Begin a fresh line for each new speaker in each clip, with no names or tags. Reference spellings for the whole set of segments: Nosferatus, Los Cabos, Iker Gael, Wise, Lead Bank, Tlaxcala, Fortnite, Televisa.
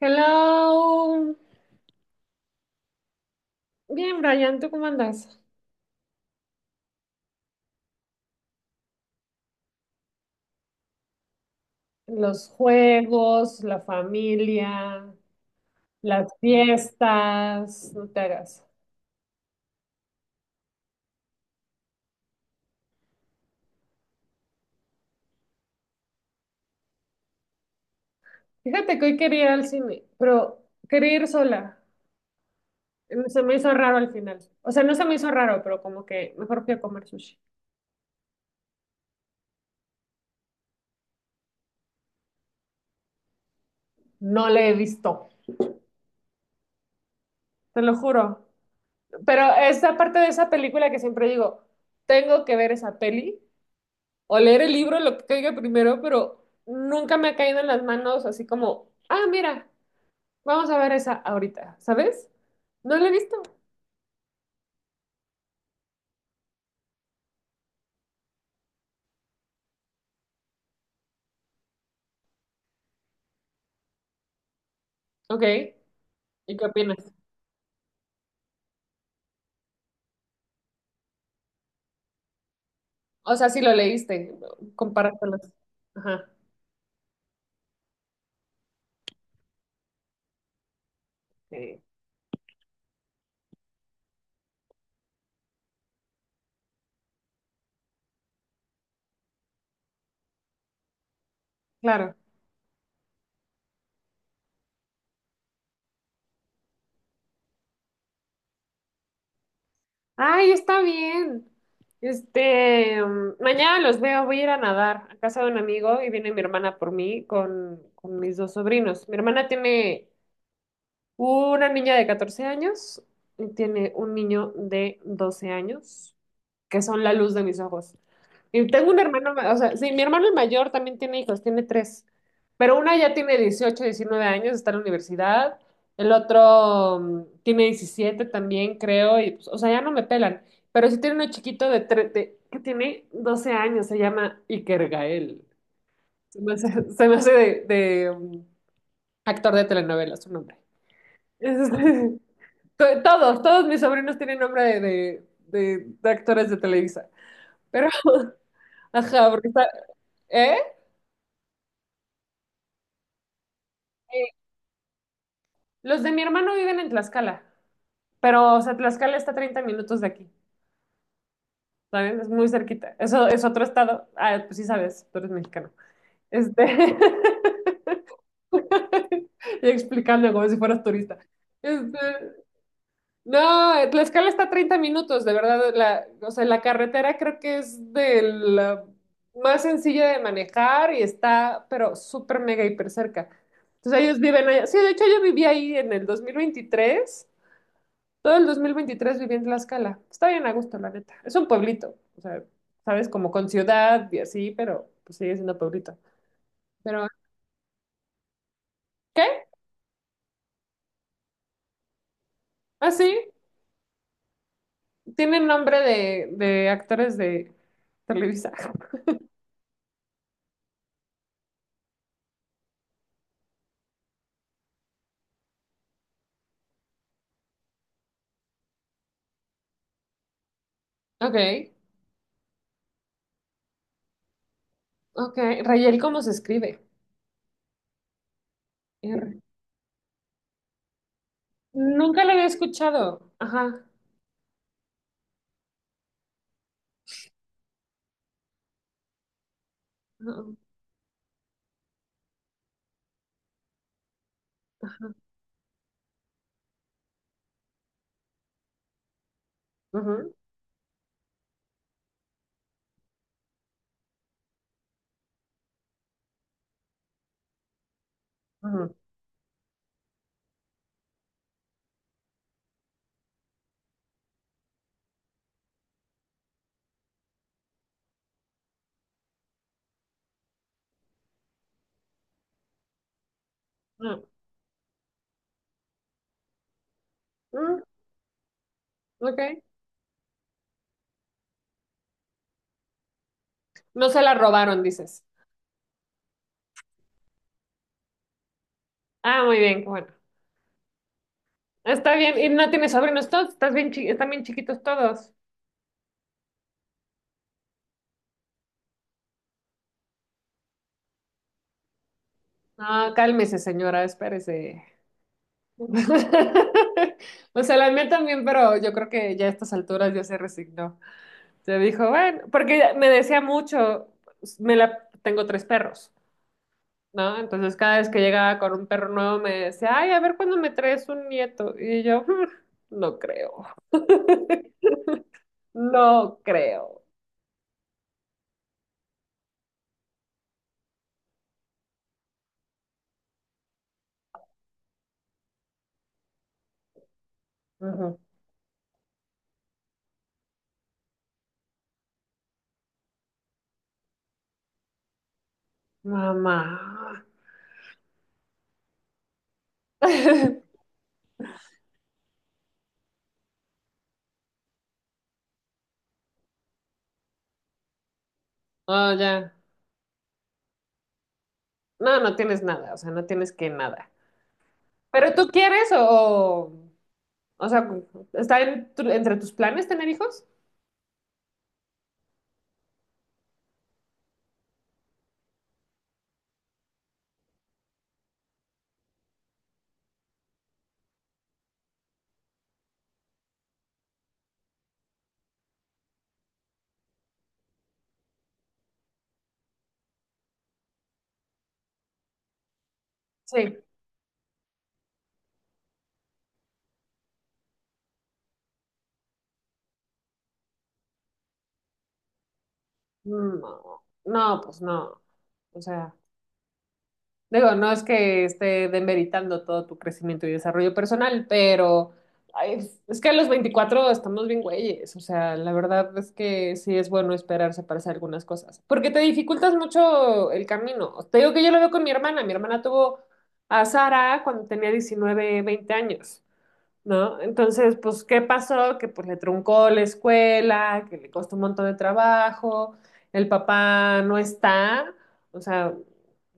Hello. Bien, Brian, ¿tú cómo andas? Los juegos, la familia, las fiestas, no te hagas. Fíjate que hoy quería ir al cine, pero quería ir sola. Se me hizo raro al final. O sea, no se me hizo raro, pero como que mejor fui a comer sushi. No le he visto, te lo juro. Pero es la parte de esa película que siempre digo, tengo que ver esa peli o leer el libro, lo que caiga primero, pero nunca me ha caído en las manos así como, ah, mira, vamos a ver esa ahorita, ¿sabes? No la he visto. Ok, ¿y qué opinas? O sea, si lo leíste, compáratelos. Ajá, sí, claro. Ay, está bien. Mañana los veo, voy a ir a nadar a casa de un amigo y viene mi hermana por mí con mis dos sobrinos. Mi hermana tiene una niña de 14 años y tiene un niño de 12 años, que son la luz de mis ojos. Y tengo un hermano, o sea, sí, mi hermano el mayor también tiene hijos, tiene tres, pero una ya tiene 18 19 años, está en la universidad, el otro tiene 17 también, creo, y pues, o sea, ya no me pelan, pero sí tiene uno chiquito que tiene 12 años, se llama Iker Gael. Se me hace, se me hace actor de telenovela su nombre. Todos mis sobrinos tienen nombre de actores de Televisa. Pero, ajá, porque está... ¿Eh? Los de mi hermano viven en Tlaxcala, pero, o sea, Tlaxcala está a 30 minutos de aquí, ¿sabes? Es muy cerquita. Eso es otro estado. Ah, pues sí sabes, tú eres mexicano. Este... Y explicando como si fueras turista. Este... No, escala está a 30 minutos, de verdad. La, o sea, la carretera creo que es de la más sencilla de manejar y está, pero súper mega hiper cerca. Entonces ellos viven allá. Sí, de hecho yo viví ahí en el 2023. Todo el 2023 viví en Tlaxcala. Está bien a gusto, la neta. Es un pueblito, o sea, sabes, como con ciudad y así, pero pues, sigue siendo pueblito. Pero, ah, sí, tiene nombre de actores de Televisa. Ok, ok. Rayel, ¿cómo se escribe? R. Nunca lo había escuchado. Ajá. Ajá. Ajá. Ajá. Ajá. Mm, ok. No se la robaron, dices. Ah, muy bien, bueno. Está bien. ¿Y no tienes sobrinos todos? ¿Están bien chiquitos todos? No, cálmese, señora, espérese. O sea, la mía también, pero yo creo que ya a estas alturas ya se resignó. Se dijo, bueno, porque me decía mucho, me la, tengo tres perros. ¿No? Entonces cada vez que llegaba con un perro nuevo me decía, ay, a ver cuándo me traes un nieto. Y yo, "Mm, no creo, no creo. Ujú. Mamá. Oh, ya. No, no tienes nada, o sea, no tienes que nada. ¿Pero tú quieres o sea, está en entre tus planes tener hijos? Sí. No, no, pues no. O sea. Digo, no es que esté demeritando todo tu crecimiento y desarrollo personal, pero ay, es que a los 24 estamos bien güeyes. O sea, la verdad es que sí es bueno esperarse para hacer algunas cosas, porque te dificultas mucho el camino. Te digo que yo lo veo con mi hermana. Mi hermana tuvo a Sara cuando tenía 19 20 años. ¿No? Entonces, pues, ¿qué pasó? Que pues le truncó la escuela, que le costó un montón de trabajo, el papá no está, o sea,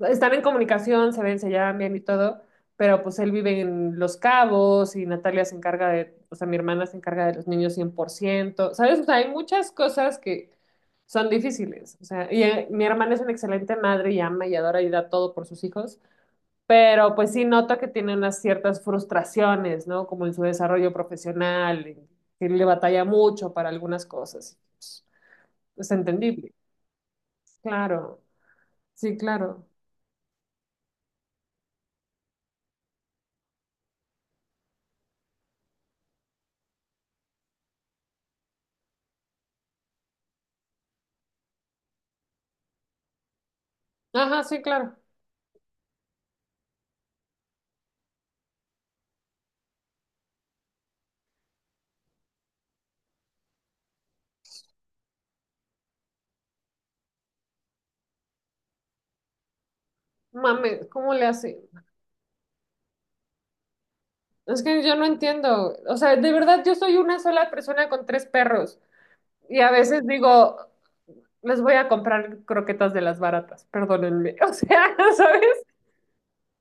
están en comunicación, se ven, se llevan bien y todo, pero pues él vive en Los Cabos y Natalia se encarga de, o sea, mi hermana se encarga de los niños 100%, ¿sabes? O sea, hay muchas cosas que son difíciles, o sea, y mi hermana es una excelente madre y ama y adora y da todo por sus hijos, pero pues sí noto que tiene unas ciertas frustraciones, ¿no? Como en su desarrollo profesional, en que le batalla mucho para algunas cosas. Pues, es entendible. Claro, sí, claro. Ajá, sí, claro. Mame, ¿cómo le hace? Es que yo no entiendo. O sea, de verdad, yo soy una sola persona con tres perros. Y a veces digo, les voy a comprar croquetas de las baratas, perdónenme. O sea, ¿sabes?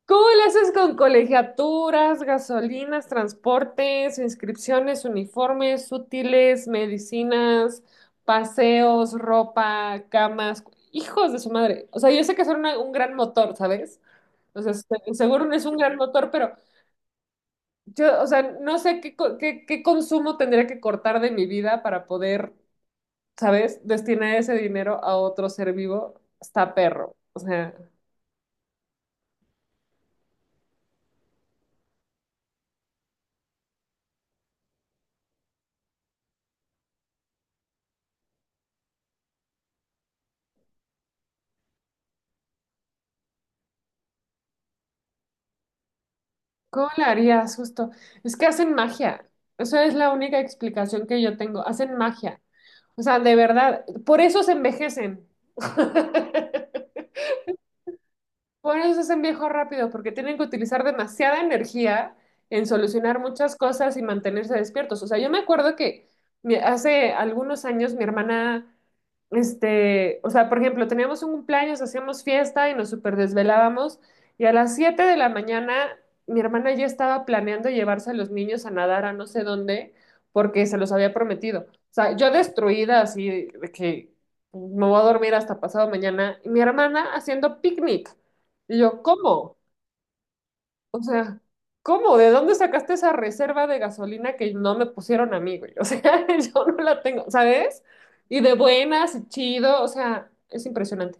¿Cómo le haces con colegiaturas, gasolinas, transportes, inscripciones, uniformes, útiles, medicinas, paseos, ropa, camas? Hijos de su madre. O sea, yo sé que son un gran motor, ¿sabes? O sea, seguro no es un gran motor, pero yo, o sea, no sé qué, qué consumo tendría que cortar de mi vida para poder, ¿sabes? Destinar ese dinero a otro ser vivo. Está perro. O sea. ¿Cómo le harías justo? Es que hacen magia. Eso es la única explicación que yo tengo. Hacen magia. O sea, de verdad, por eso se envejecen. Por eso se envejecen rápido, porque tienen que utilizar demasiada energía en solucionar muchas cosas y mantenerse despiertos. O sea, yo me acuerdo que hace algunos años mi hermana o sea, por ejemplo, teníamos un cumpleaños, hacíamos fiesta y nos super desvelábamos y a las 7 de la mañana mi hermana ya estaba planeando llevarse a los niños a nadar a no sé dónde porque se los había prometido. O sea, yo destruida así de que me voy a dormir hasta pasado mañana y mi hermana haciendo picnic. Y yo, ¿cómo? O sea, ¿cómo? ¿De dónde sacaste esa reserva de gasolina que no me pusieron a mí, güey? O sea, yo no la tengo, ¿sabes? Y de buenas y chido, o sea, es impresionante.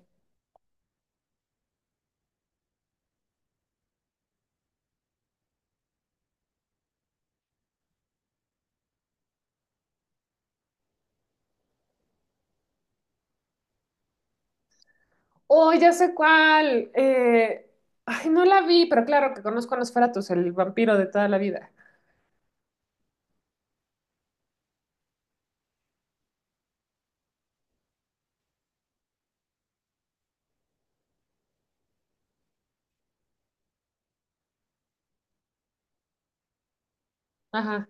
Oh, ya sé cuál. Ay, no la vi, pero claro que conozco a Nosferatus, el vampiro de toda la vida. Ajá.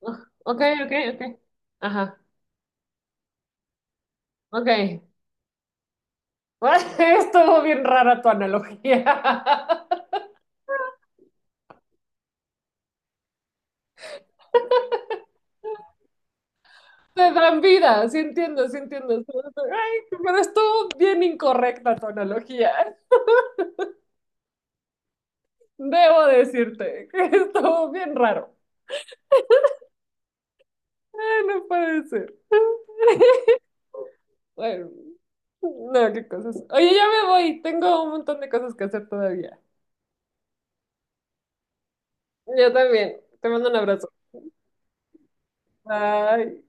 Ugh, ok, ok, ok. Ajá. Ok. Estuvo bien rara tu analogía. Te dan vida, sí entiendo, sí entiendo. Sí, sí. Ay, pero estuvo bien incorrecta tu analogía. Debo decirte que estuvo bien raro. Ay, no puede ser. Bueno, no, qué cosas. Oye, ya me voy. Tengo un montón de cosas que hacer todavía. Yo también. Te mando un abrazo. Bye.